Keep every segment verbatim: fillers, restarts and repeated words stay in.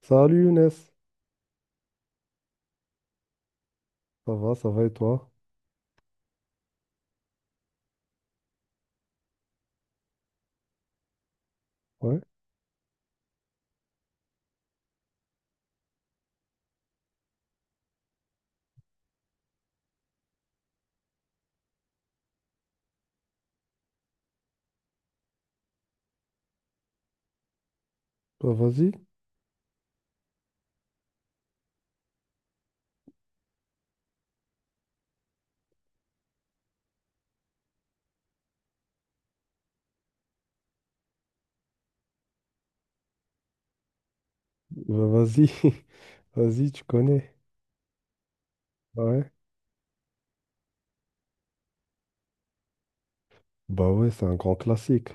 Salut Younes, ça va, ça va et toi? Ouais, bah vas-y, bah vas-y, vas-y, tu connais. Ouais, bah ouais, c'est un grand classique.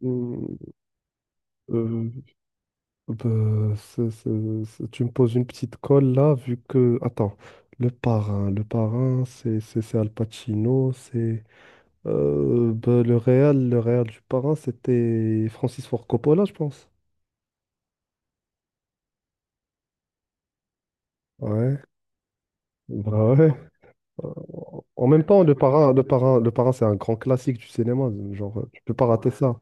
Hmm, euh, bah, c'est- c'est- c'est- tu me poses une petite colle là, vu que. Attends, le parrain, le parrain, c'est c'est- c'est Al Pacino, c'est. Euh, bah, le réal, le réal du parrain, c'était Francis Ford Coppola, je pense. Ouais, bah ouais. En même temps, De Parrain, De Parrain, De Parrain, c'est un grand classique du cinéma. Genre, euh, tu peux pas rater ça.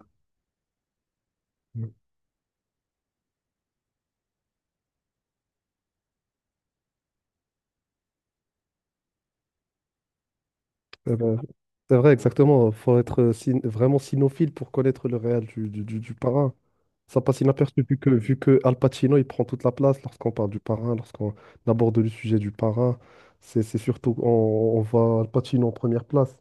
Eh ben, c'est vrai, exactement. Faut être euh, cin- vraiment cinéphile pour connaître le réel du, du, du- du Parrain. Ça passe inaperçu vu que, vu que Al Pacino, il prend toute la place lorsqu'on parle du Parrain, lorsqu'on aborde le sujet du Parrain. C'est c'est surtout, on, on voit Al Pacino en première place.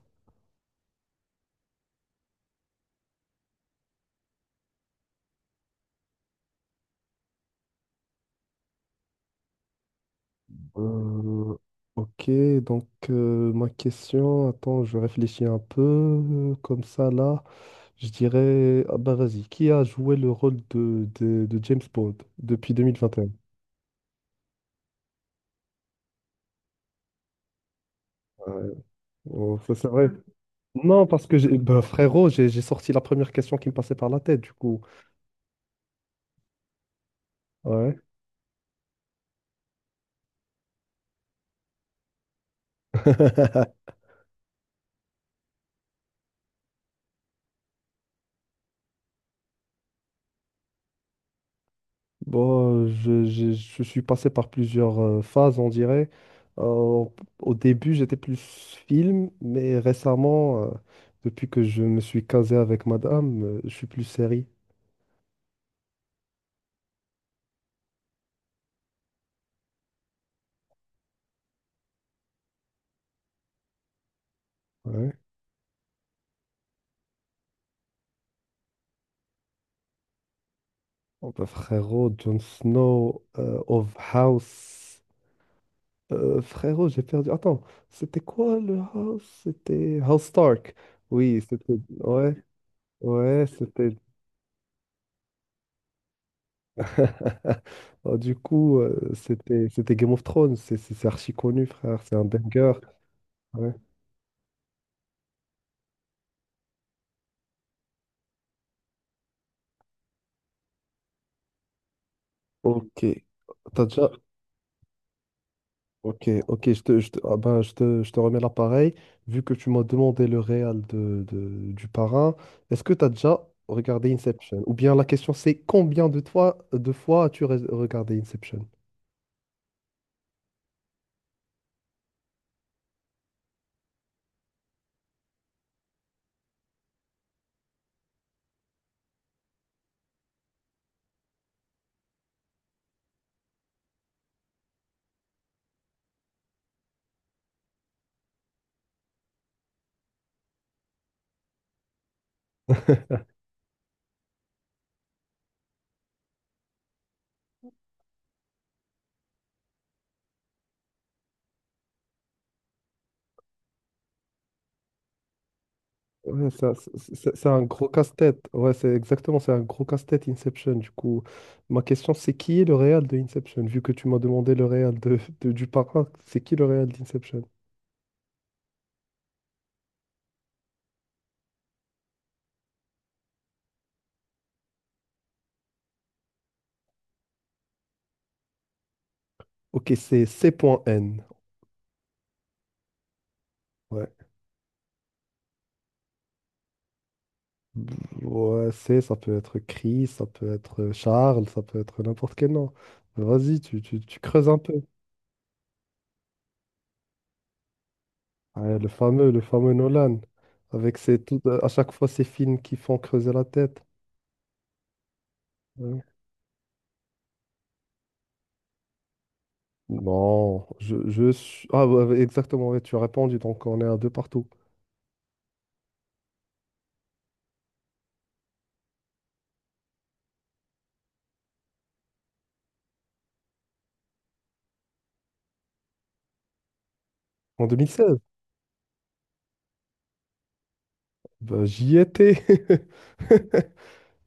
Euh, ok, donc euh, ma question, attends, je réfléchis un peu euh, comme ça là. Je dirais, ah bah vas-y, qui a joué le rôle de, de, de James Bond depuis deux mille vingt et un? Ouais. Oh, ça c'est vrai. Non, parce que j'ai, bah, frérot, j'ai j'ai sorti la première question qui me passait par la tête, du coup. Ouais. Bon, euh, je, j'ai- je suis passé par plusieurs euh, phases, on dirait. Euh, Au début, j'étais plus film, mais récemment, euh, depuis que je me suis casé avec madame, euh, je suis plus série. Ouais. Oh bah frérot, Jon Snow, euh, of House. Euh, frérot, j'ai perdu. Attends, c'était quoi le House? C'était House Stark. Oui, c'était. Ouais, ouais, c'était. Oh, du coup, euh, c'était c'était Game of Thrones, c'est c'est- c'est archi connu, frère, c'est un banger. Ouais. Ok. T'as déjà, ok, ok, je te, je te- ah ben, je te, je te remets l'appareil. Vu que tu m'as demandé le réel de, de- du parrain, est-ce que tu as déjà regardé Inception? Ou bien la question c'est combien de, toi, de fois as-tu re- regardé Inception? Ouais, c'est un c'est- c'est- c'est un gros casse-tête. Ouais, c'est exactement, c'est un gros casse-tête Inception. Du coup, ma question, c'est qui est le réel de Inception? Vu que tu m'as demandé le réel de, de- du parrain, c'est qui le réel d'Inception? Ok, c'est C N. Ouais. Ouais, c'est, ça peut être Chris, ça peut être Charles, ça peut être n'importe quel nom. Vas-y, tu, tu, tu creuses un peu. Ouais, le fameux, le fameux Nolan, avec ses, tout, à chaque fois ces films qui font creuser la tête. Ouais. Non, je, je suis... Ah, ouais, ouais, exactement, ouais, tu as répondu, donc on est à deux partout. En deux mille seize, bah, j'y étais.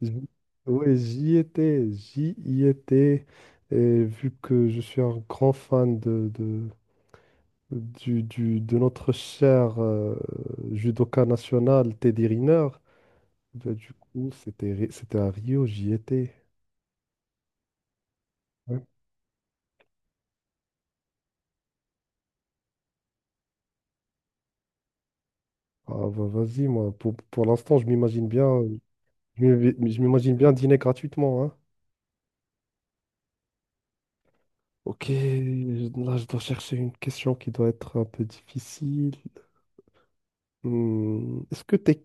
J'y- Oui, j'y étais, j'y y étais. Et vu que je suis un grand fan de, de, du, du- de notre cher euh, judoka national, Teddy Riner, bah, du coup, c'était Ri- c'était à Rio, j'y étais. Ouais. Ah, bah, vas-y, moi, pour, pour l'instant, je m'imagine bien, je m'im- je m'imagine bien dîner gratuitement, hein. Ok, là je dois chercher une question qui doit être un peu difficile. Hmm, Est-ce que tu es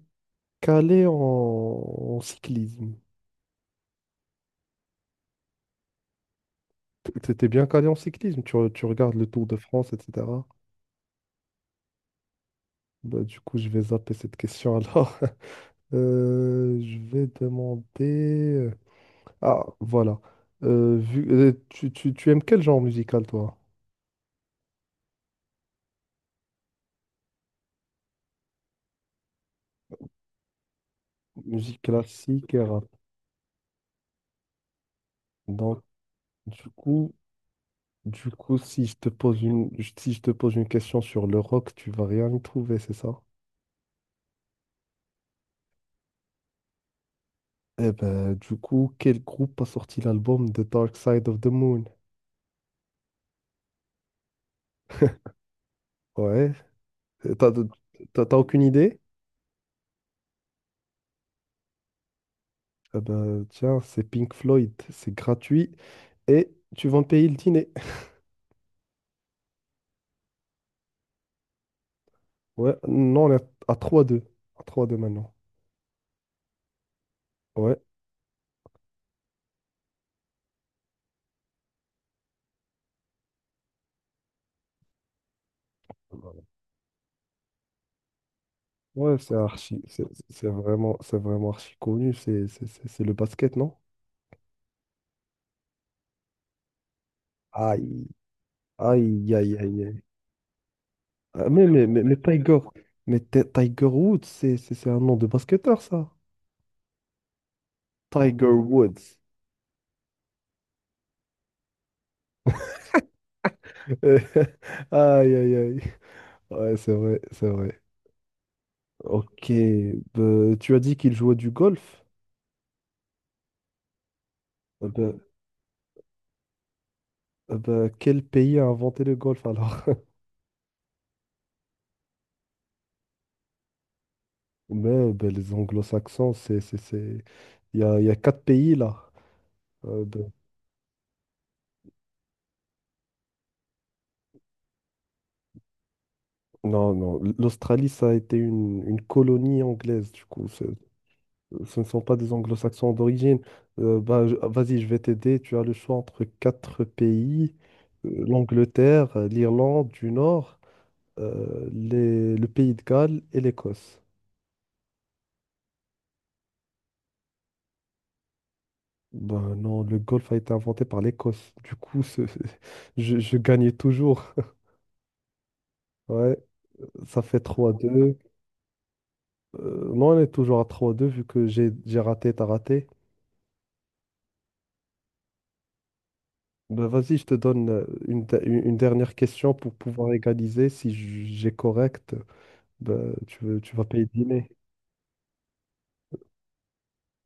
calé en, en cyclisme? Tu étais bien calé en cyclisme, tu, re- tu regardes le Tour de France, et cetera. Bah, du coup, je vais zapper cette question alors. Euh, je vais demander... euh, Ah, voilà. Euh, vu, euh, tu, tu- tu aimes quel genre musical, toi? Musique classique et rap. Donc, du coup, Du coup, si je te pose une, si je te pose une question sur le rock, tu vas rien y trouver, c'est ça? Eh ben, du coup, quel groupe a sorti l'album The Dark Side of the Moon? Ouais, t'as, t'as- t'as aucune idée? Eh ben, tiens, c'est Pink Floyd, c'est gratuit et tu vas me payer le dîner. Ouais, non, on est à trois deux. À trois deux maintenant. Ouais. Ouais, c'est archi, c'est c'est vraiment, c'est vraiment archi connu, c'est c'est- c'est- c'est le basket, non? Aïe, aïe, aïe, aïe, aïe. Ah, Mais, mais, mais, mais Tiger, mais Ti- Tiger Woods, c'est c'est- c'est un nom de basketteur, ça. Tiger Woods. Euh, Aïe, aïe, aïe. Ouais, c'est vrai, c'est vrai. Ok, bah, tu as dit qu'il jouait du golf. Ah bah- ah bah, quel pays a inventé le golf alors? Ben bah, les anglo-saxons, c'est, c'est, c'est... Il y a, il y a quatre pays là. Euh, bah, non, non, l'Australie, ça a été une, une colonie anglaise, du coup. c'est- Ce ne sont pas des anglo-saxons d'origine. Euh, bah, je- ah, vas-y, je vais t'aider. Tu as le choix entre quatre pays, euh, l'Angleterre, euh, l'Irlande du Nord, euh, les- le pays de Galles et l'Écosse. Ben non, le golf a été inventé par l'Écosse. Du coup, ce- je, je gagnais toujours. Ouais, ça fait trois à deux. Euh, non, on est toujours à trois à deux vu que j'ai j'ai raté, t'as raté. Ben vas-y, je te donne euh, une, de- une une dernière question pour pouvoir égaliser si j- j'ai correct. Bah, tu veux, tu vas payer le dîner.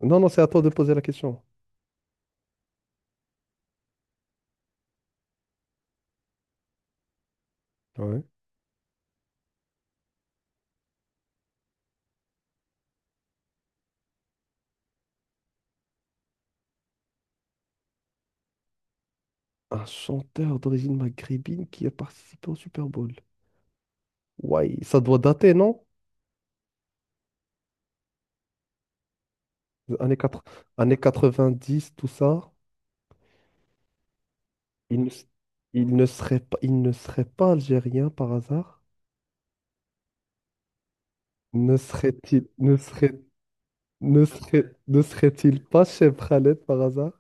Non, non, c'est à toi de poser la question. Ouais. Un chanteur d'origine maghrébine qui a participé au Super Bowl. Ouais, ça doit dater, non? Années quatre années dix tout ça. Il ne, s- il ne serait pas, il ne serait pas algérien par hasard? Ne serait-il, ne serait, ne serait, Ne serait-il pas chez Khaled par hasard?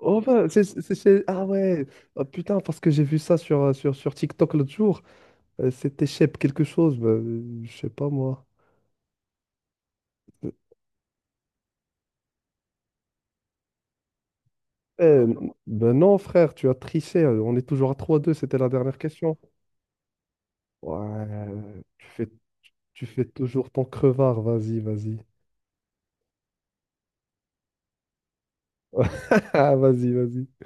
Oh, ben, c'est c'est chez... Ah ouais, ah, putain, parce que j'ai vu ça sur, euh, sur, sur TikTok l'autre jour. Euh, C'était Shep quelque chose, ben, je sais pas moi. Eh, ben non, frère, tu as triché. euh, On est toujours à trois deux, c'était la dernière question. Ouais, tu fais, tu fais toujours ton crevard, vas-y, vas-y. Vas-y, vas-y.